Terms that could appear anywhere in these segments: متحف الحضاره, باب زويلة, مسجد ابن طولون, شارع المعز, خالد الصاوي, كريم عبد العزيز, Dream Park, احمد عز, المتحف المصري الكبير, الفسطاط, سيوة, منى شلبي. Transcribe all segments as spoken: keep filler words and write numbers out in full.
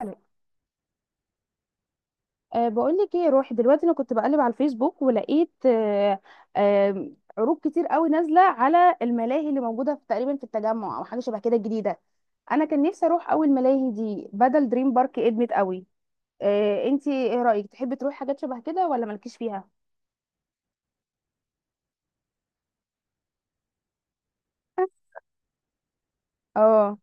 حلو. أه بقول لك ايه، روحي دلوقتي. انا كنت بقلب على الفيسبوك، ولقيت أه أه عروض كتير قوي نازله على الملاهي اللي موجوده في تقريبا في التجمع او حاجه شبه كده جديده. انا كان نفسي اروح اول ملاهي دي، بدل دريم بارك ادمت قوي. أه انتي ايه رايك؟ تحبي تروحي حاجات شبه كده ولا مالكيش فيها؟ اه،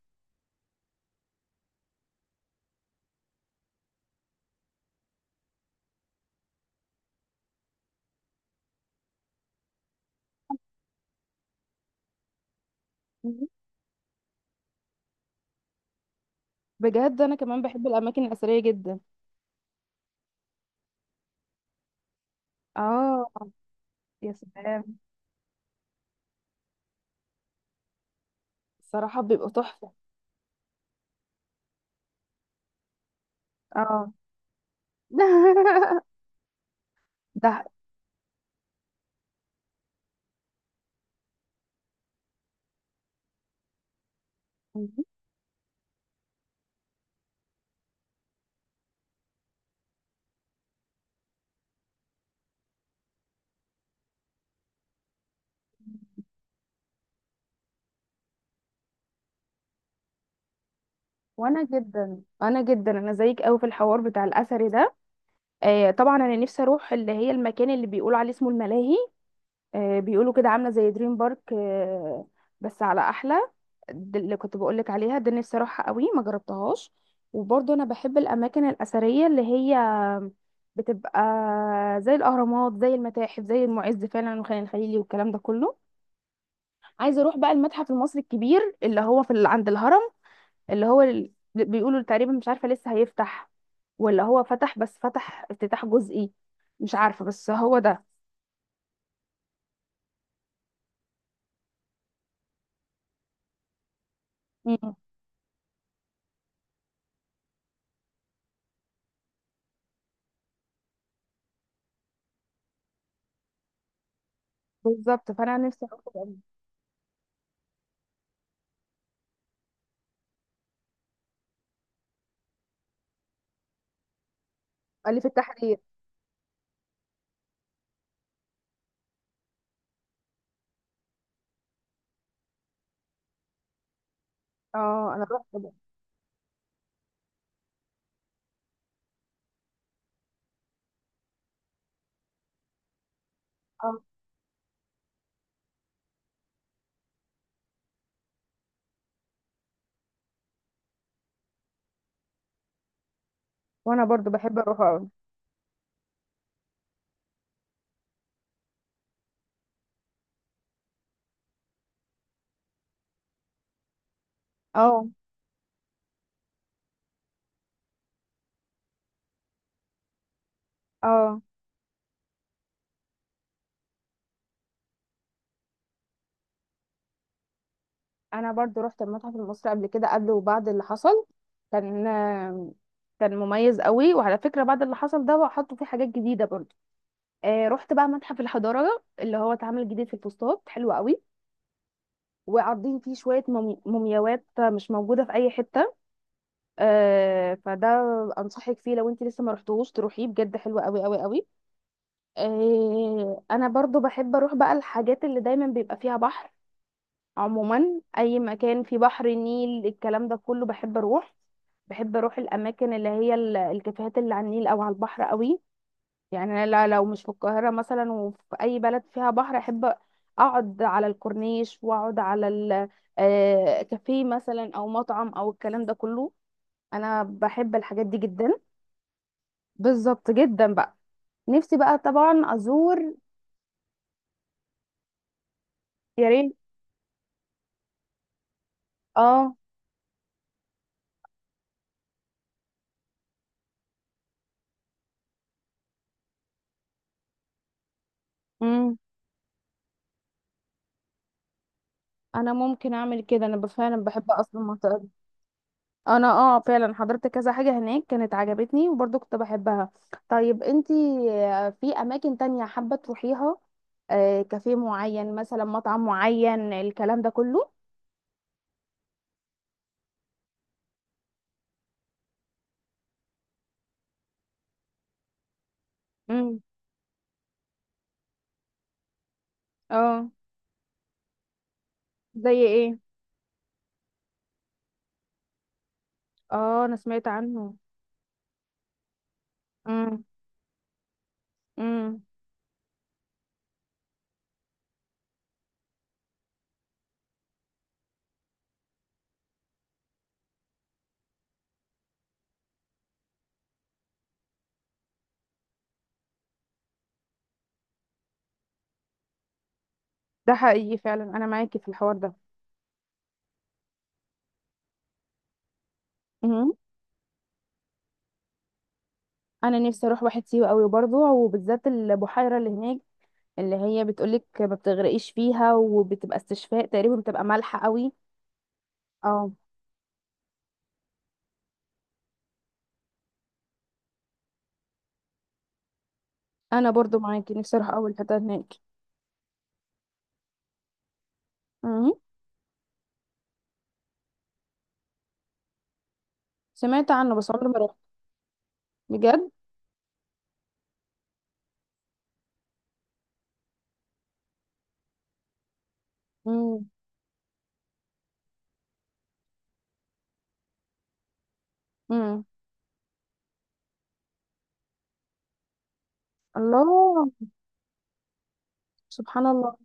بجد انا كمان بحب الاماكن الاثريه جدا. اه، يا سلام. الصراحه بيبقوا تحفه. اه. ده وانا جدا، انا جدا انا زيك قوي في الحوار بتاع الاثري ده. آه طبعا، انا نفسي اروح اللي هي المكان اللي بيقولوا عليه اسمه الملاهي. آه، بيقولوا كده عامله زي دريم بارك، آه، بس على احلى. دي اللي كنت بقول لك عليها، ده نفسي اروحها قوي، ما جربتهاش. وبرضه انا بحب الاماكن الاثريه اللي هي بتبقى زي الاهرامات، زي المتاحف، زي المعز فعلا والخان الخليلي والكلام ده كله. عايزه اروح بقى المتحف المصري الكبير اللي هو في ال- عند الهرم. اللي هو ال... بيقولوا تقريبا، مش عارفة لسه هيفتح ولا هو فتح، بس فتح افتتاح جزئي. مش عارفة، بس هو ده. مم. بالظب، فانا نفسي اروح أوي. الف التحرير. اه انا رحت ب- اه، وانا برضو بحب اروح أوي. اه. اه، انا برضو رحت المتحف المصري قبل كده، قبل وبعد اللي حصل. كان كان مميز قوي. وعلى فكره، بعد اللي حصل ده حطوا فيه حاجات جديده برضو. آه، رحت بقى متحف الحضاره اللي هو اتعمل جديد في الفسطاط، حلو قوي. وعارضين فيه شوية مم- مومياوات مش موجودة في أي حتة. آه، فده أنصحك فيه، لو أنت لسه ما رحتوش تروحيه، بجد حلو قوي قوي قوي. آه، أنا برضو بحب أروح بقى الحاجات اللي دايما بيبقى فيها بحر. عموما أي مكان فيه بحر، النيل، الكلام ده كله بحب أروح. بحب أروح الأماكن اللي هي ال- الكافيهات اللي على النيل أو على البحر قوي. يعني انا لا- لو مش في القاهره مثلا وفي اي بلد فيها بحر، احب اقعد على الكورنيش، واقعد على ال- آه، كافيه مثلا او مطعم او الكلام ده كله. انا بحب الحاجات دي جدا. بالظبط، جدا بقى. نفسي بقى طبعا ازور. يا ريت. اه. امم. انا ممكن اعمل كده، انا ب- فعلا بحب اصلا المنطقه دي. انا اه، فعلا حضرت كذا حاجة هناك كانت عجبتني، وبرضه كنت بحبها. طيب انتي، آه، في اماكن تانية حابة تروحيها؟ آه، كافيه معين مثلا، مطعم معين، الكلام ده كله؟ امم. اه. زي ايه؟ اه، انا سمعت عنه. امم. امم. ده حقيقي فعلا، انا معاكي في الحوار ده. امم. انا نفسي اروح واحد سيوة قوي برضه، وبالذات البحيرة اللي هناك، اللي هي بتقولك ما بتغرقيش فيها، وبتبقى استشفاء تقريبا، بتبقى مالحة قوي. اه. انا برضو معاكي، نفسي اروح اول حته هناك. مم. سمعت عنه، بس عمري ما رحت. بجد. مم. مم. الله. سبحان الله.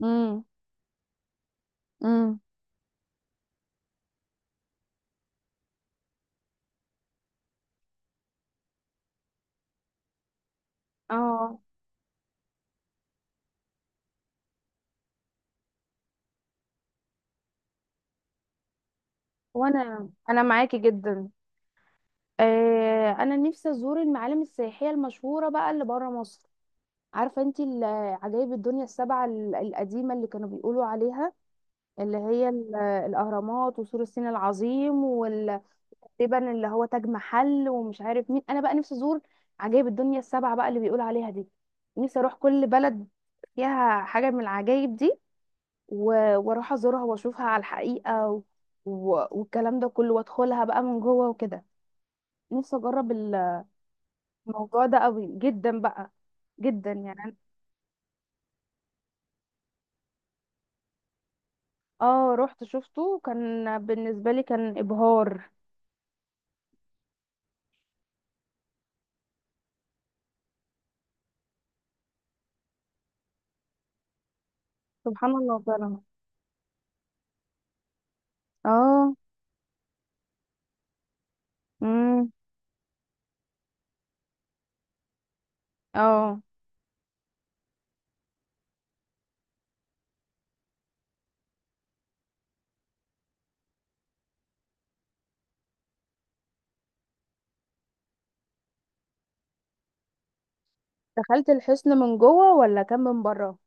مم. مم. اه. وانا انا معاكي جدا. آه، انا نفسي ازور المعالم السياحيه المشهوره بقى اللي بره مصر. عارفه انت عجائب الدنيا السبعه ال- القديمه اللي كانوا بيقولوا عليها؟ اللي هي ال- الاهرامات، وسور الصين العظيم، تقريبا اللي هو تاج محل، ومش عارف مين. انا بقى نفسي ازور عجائب الدنيا السبعة بقى اللي بيقول عليها دي. نفسي اروح كل بلد فيها حاجة من العجائب دي، و- واروح ازورها واشوفها على الحقيقة و... و... والكلام ده كله، وادخلها بقى من جوه وكده. نفسي اجرب الموضوع ده قوي جدا بقى، جدا يعني أنا- اه، رحت شفته، وكان بالنسبة لي كان ابهار. سبحان الله فعلا. اه. امم. اه، دخلت الحصن من جوه ولا كان من بره؟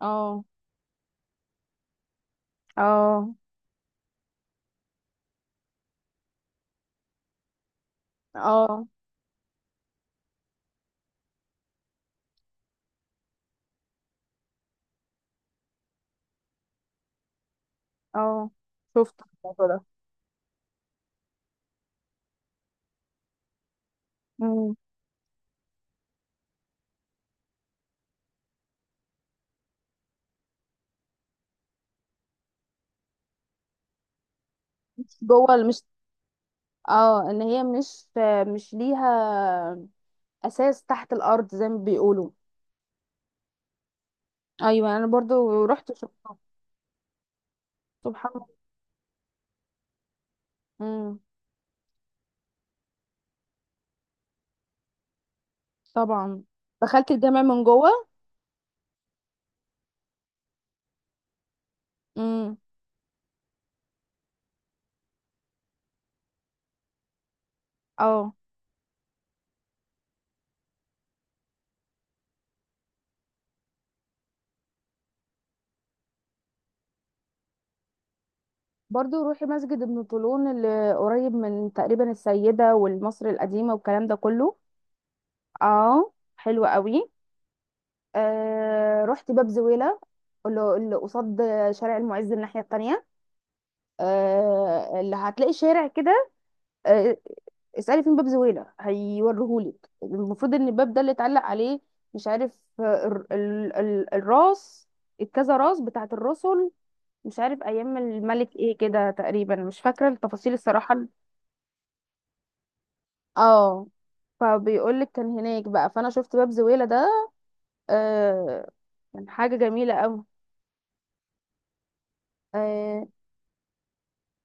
اه. اه. اه. اه. شفت الموضوع ده. مم. مش جوه ال- مش، اه، ان هي مش، مش ليها اساس تحت الارض زي ما بيقولوا. ايوه، انا برضو رحت شفتها. سبحان الله. امم. طبعا. دخلت الجامع من جوه؟ امم. اه، برضو روحي مسجد ابن طولون، اللي قريب من تقريبا السيدة والمصر القديمة والكلام ده كله. اه، حلو قوي. آه، رحت باب زويلة، اللي اللي قصاد شارع المعز الناحية التانية. آه، اللي هتلاقي شارع كده. آه، اسألي فين باب زويلة هيوريهولك. المفروض ان الباب ده اللي اتعلق عليه، مش عارف آه، ال ال ال الراس، الكذا راس بتاعت الرسل، مش عارف ايام الملك ايه كده، تقريبا مش فاكرة التفاصيل الصراحة. اه. فبيقولك كان هناك بقى، فانا شفت باب زويلة ده. آه، كان حاجة جميلة قوي.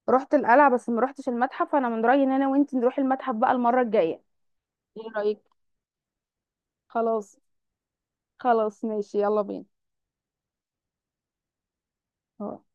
رحت القلعة بس ما رحتش المتحف، فانا من رأيي ان انا وانت نروح المتحف بقى المرة الجاية. ايه رأيك؟ خلاص. خلاص، ماشي، يلا بينا.